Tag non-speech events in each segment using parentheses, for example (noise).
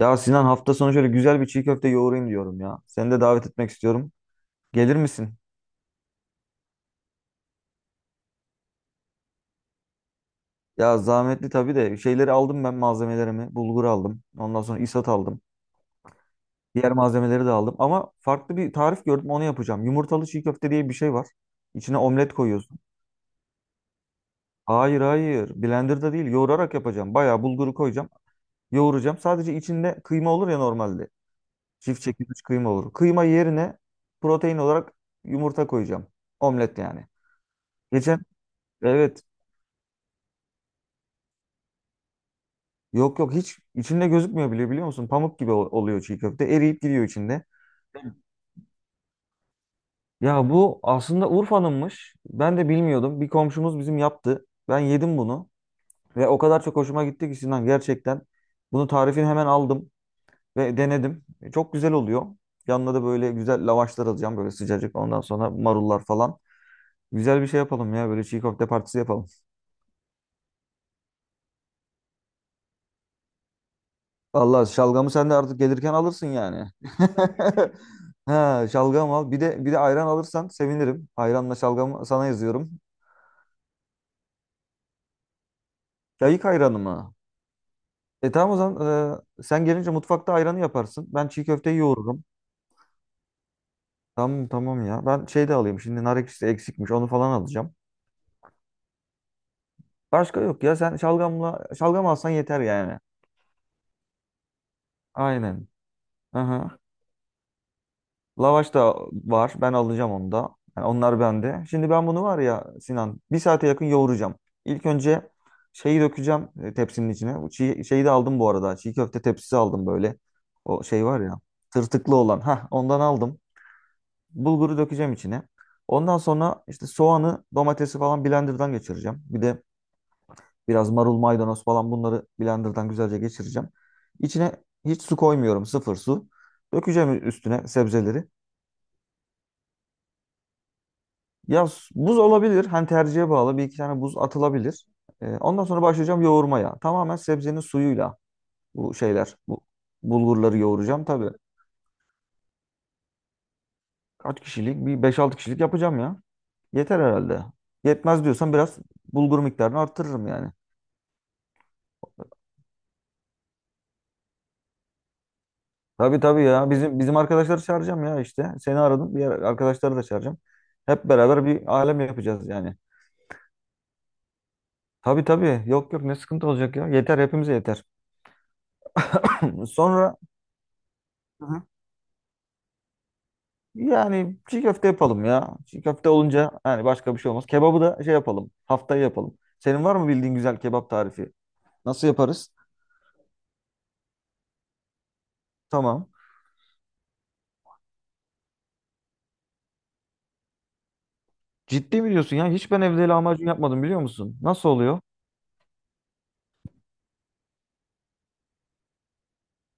Ya Sinan hafta sonu şöyle güzel bir çiğ köfte yoğurayım diyorum ya. Seni de davet etmek istiyorum. Gelir misin? Ya zahmetli tabii de şeyleri aldım ben malzemelerimi. Bulgur aldım. Ondan sonra isat aldım. Diğer malzemeleri de aldım. Ama farklı bir tarif gördüm onu yapacağım. Yumurtalı çiğ köfte diye bir şey var. İçine omlet koyuyorsun. Hayır hayır. Blender'da değil. Yoğurarak yapacağım. Bayağı bulguru koyacağım. Yoğuracağım. Sadece içinde kıyma olur ya normalde. Çift çekilmiş kıyma olur. Kıyma yerine protein olarak yumurta koyacağım. Omlet yani. Geçen. Evet. Yok yok, hiç içinde gözükmüyor bile biliyor musun? Pamuk gibi oluyor çiğ köfte. Eriyip gidiyor içinde. Ya bu aslında Urfa'nınmış. Ben de bilmiyordum. Bir komşumuz bizim yaptı. Ben yedim bunu ve o kadar çok hoşuma gitti ki Sinan gerçekten. Bunu tarifini hemen aldım ve denedim. Çok güzel oluyor. Yanına da böyle güzel lavaşlar alacağım böyle sıcacık. Ondan sonra marullar falan. Güzel bir şey yapalım ya böyle çiğ köfte partisi yapalım. Vallahi şalgamı sen de artık gelirken alırsın yani. (laughs) Ha, şalgam al. Bir de ayran alırsan sevinirim. Ayranla şalgamı sana yazıyorum. Ya ilk ayranı mı? Tamam o zaman sen gelince mutfakta ayranı yaparsın. Ben çiğ köfteyi yoğururum. Tamam tamam ya. Ben şey de alayım. Şimdi nar ekşisi eksikmiş. Onu falan alacağım. Başka yok ya. Sen şalgamla şalgam alsan yeter yani. Aynen. Aha. Lavaş da var. Ben alacağım onu da. Yani onlar bende. Şimdi ben bunu var ya Sinan bir saate yakın yoğuracağım. İlk önce şeyi dökeceğim tepsinin içine. Bu şeyi de aldım bu arada. Çiğ köfte tepsisi aldım böyle. O şey var ya tırtıklı olan. Hah ondan aldım. Bulguru dökeceğim içine. Ondan sonra işte soğanı, domatesi falan blenderdan geçireceğim. Bir de biraz marul, maydanoz falan bunları blenderdan güzelce geçireceğim. İçine hiç su koymuyorum. Sıfır su. Dökeceğim üstüne sebzeleri. Ya buz olabilir. Hani tercihe bağlı. Bir iki tane buz atılabilir. Ondan sonra başlayacağım yoğurmaya. Tamamen sebzenin suyuyla bu şeyler, bu bulgurları yoğuracağım. Tabii kaç kişilik? Bir beş altı kişilik yapacağım ya. Yeter herhalde. Yetmez diyorsan biraz bulgur miktarını arttırırım yani. Tabii tabii ya. Bizim arkadaşları çağıracağım ya işte. Seni aradım. Diğer arkadaşları da çağıracağım. Hep beraber bir alem yapacağız yani. Tabii tabii. Yok yok, ne sıkıntı olacak ya. Yeter hepimize yeter. (clears throat) Sonra. Hı. Yani çiğ köfte yapalım ya. Çiğ köfte olunca yani başka bir şey olmaz. Kebabı da şey yapalım. Haftaya yapalım. Senin var mı bildiğin güzel kebap tarifi? Nasıl yaparız? Tamam. Ciddi mi diyorsun ya? Hiç ben evde lahmacun yapmadım biliyor musun? Nasıl oluyor?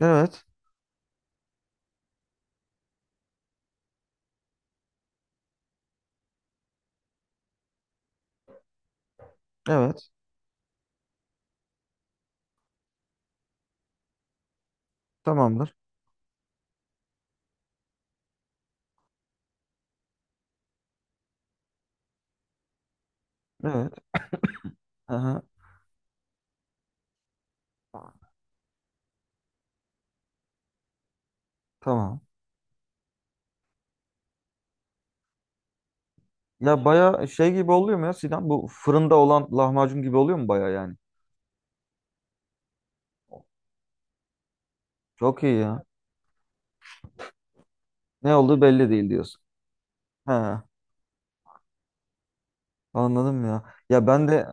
Evet. Evet. Tamamdır. Evet. Aha, tamam. Ya baya şey gibi oluyor mu ya Sinan? Bu fırında olan lahmacun gibi oluyor mu baya yani? Çok iyi ya. Ne olduğu belli değil diyorsun. He, anladım ya. Ya ben de.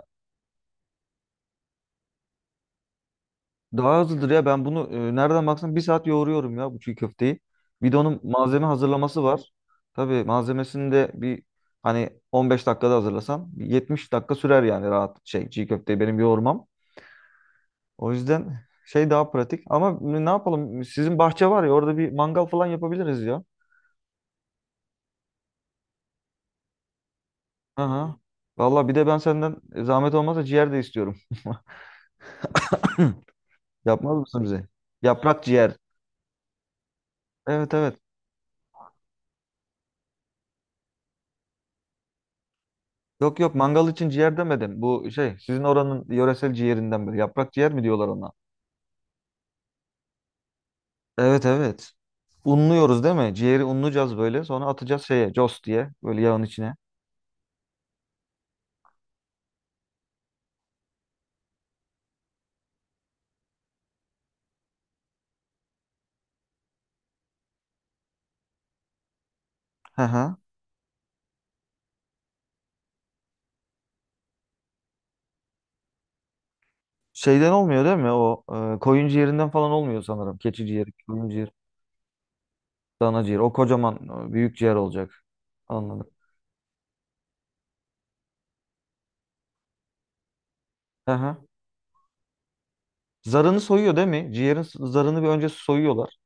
Daha hızlıdır ya ben bunu nereden baksan bir saat yoğuruyorum ya bu çiğ köfteyi. Bir de onun malzeme hazırlaması var. Tabii malzemesini de bir hani 15 dakikada hazırlasan bir 70 dakika sürer yani rahat şey çiğ köfteyi benim yoğurmam. O yüzden şey daha pratik ama ne yapalım sizin bahçe var ya orada bir mangal falan yapabiliriz ya. Hı hı. Valla bir de ben senden zahmet olmazsa ciğer de istiyorum. (laughs) Yapmaz mısın bize? Yaprak ciğer. Evet evet. Yok yok, mangal için ciğer demedim. Bu şey sizin oranın yöresel ciğerinden biri. Yaprak ciğer mi diyorlar ona? Evet evet. Unluyoruz değil mi? Ciğeri unlayacağız böyle. Sonra atacağız şeye. Cos diye. Böyle yağın içine. Hı hı. Şeyden olmuyor değil mi? O koyun ciğerinden falan olmuyor sanırım. Keçi ciğeri, koyun ciğeri, dana ciğeri. O kocaman büyük ciğer olacak. Anladım. Hı hı. Zarını soyuyor değil mi? Ciğerin zarını bir önce soyuyorlar.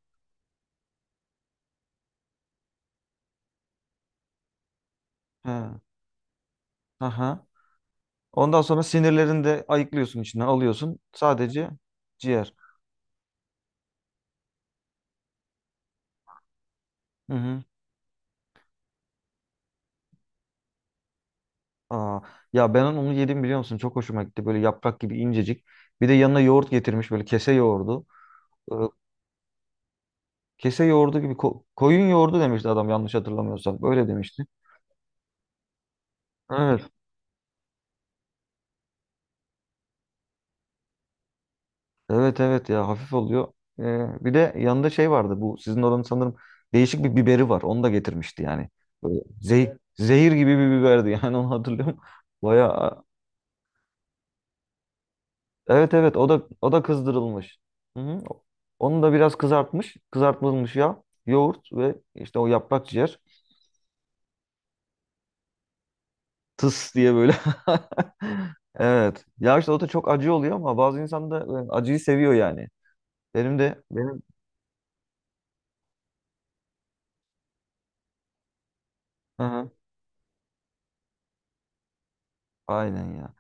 He. Hı hı. Ondan sonra sinirlerini de ayıklıyorsun içinden alıyorsun. Sadece ciğer. Hı hı. Aa, ya ben onu yedim biliyor musun? Çok hoşuma gitti. Böyle yaprak gibi incecik. Bir de yanına yoğurt getirmiş böyle kese yoğurdu. Ee, kese yoğurdu gibi koyun yoğurdu demişti adam yanlış hatırlamıyorsam. Öyle demişti. Evet. Evet evet ya, hafif oluyor. Bir de yanında şey vardı bu sizin oranın sanırım değişik bir biberi var. Onu da getirmişti yani. Böyle zehir gibi bir biberdi, (laughs) yani onu hatırlıyorum. (laughs) Baya. Evet evet, o da kızdırılmış. Hı hı. Onu da biraz kızartmış. Kızartılmış yağ, yoğurt ve işte o yaprak ciğer. Tıs diye böyle. (laughs) Evet. Ya işte o da çok acı oluyor ama bazı insan da acıyı seviyor yani. Benim de benim. Hı hı. Aynen ya.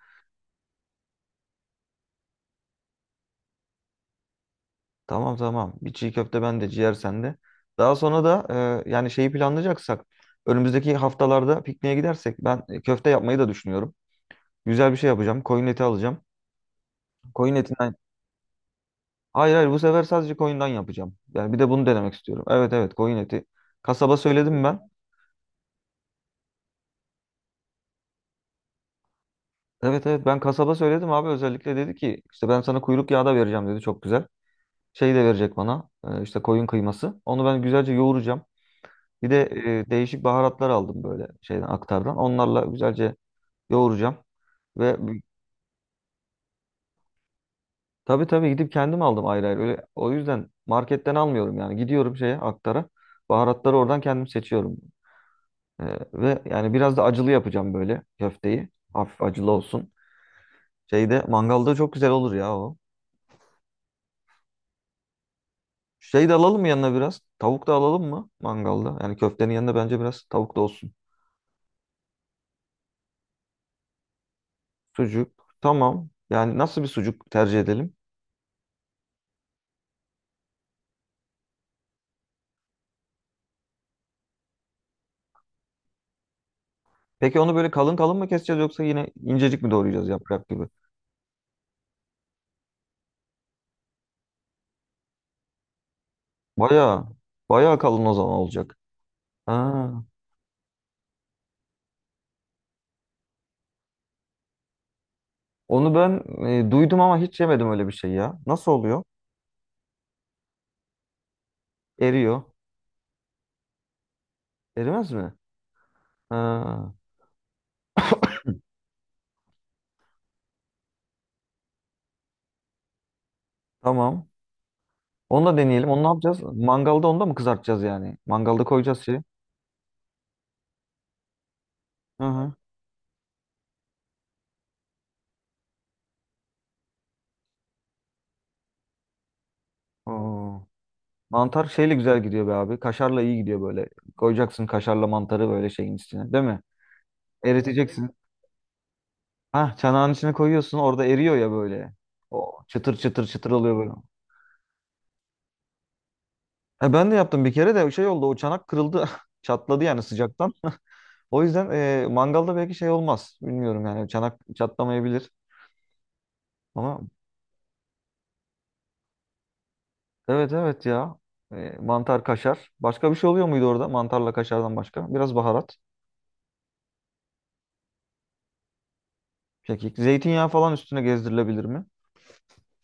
Tamam tamam. Bir çiğ köfte bende, ciğer sende. Daha sonra da yani şeyi planlayacaksak önümüzdeki haftalarda pikniğe gidersek ben köfte yapmayı da düşünüyorum. Güzel bir şey yapacağım. Koyun eti alacağım. Koyun etinden. Hayır hayır, bu sefer sadece koyundan yapacağım. Yani bir de bunu denemek istiyorum. Evet evet, koyun eti. Kasaba söyledim ben. Evet evet, ben kasaba söyledim abi, özellikle dedi ki işte ben sana kuyruk yağı da vereceğim dedi, çok güzel. Şey de verecek bana işte koyun kıyması. Onu ben güzelce yoğuracağım. Bir de değişik baharatlar aldım böyle şeyden aktardan. Onlarla güzelce yoğuracağım. Ve tabii tabii gidip kendim aldım ayrı ayrı. Öyle, o yüzden marketten almıyorum yani. Gidiyorum şeye aktara. Baharatları oradan kendim seçiyorum. Ve yani biraz da acılı yapacağım böyle köfteyi. Hafif acılı olsun. Şeyde mangalda çok güzel olur ya o. Şey de alalım mı yanına biraz. Tavuk da alalım mı mangalda? Yani köftenin yanında bence biraz tavuk da olsun. Sucuk. Tamam. Yani nasıl bir sucuk tercih edelim? Peki onu böyle kalın kalın mı keseceğiz yoksa yine incecik mi doğrayacağız yaprak gibi? Bayağı, bayağı kalın o zaman olacak. Ha, onu ben duydum ama hiç yemedim öyle bir şey ya. Nasıl oluyor? Eriyor. Erimez mi? Ha, tamam. Onu da deneyelim. Onu ne yapacağız? Mangalda onu da mı kızartacağız yani? Mangalda koyacağız şeyi. Hı hı. Oo. Mantar şeyle güzel gidiyor be abi. Kaşarla iyi gidiyor böyle. Koyacaksın kaşarla mantarı böyle şeyin içine, değil mi? Eriteceksin. Ha, çanağın içine koyuyorsun. Orada eriyor ya böyle. O çıtır çıtır çıtır oluyor böyle. Ben de yaptım bir kere de şey oldu. O çanak kırıldı. (laughs) Çatladı yani sıcaktan. O yüzden mangalda belki şey olmaz. Bilmiyorum yani çanak çatlamayabilir. Ama. Evet evet ya. Mantar, kaşar. Başka bir şey oluyor muydu orada? Mantarla kaşardan başka. Biraz baharat. Kekik. Zeytinyağı falan üstüne gezdirilebilir mi?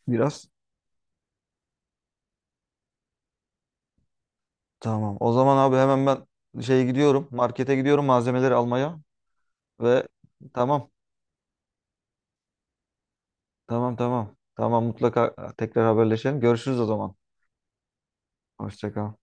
Biraz. Tamam. O zaman abi hemen ben şeye gidiyorum. Markete gidiyorum malzemeleri almaya. Ve tamam. Tamam tamam. Tamam mutlaka tekrar haberleşelim. Görüşürüz o zaman. Hoşça kal.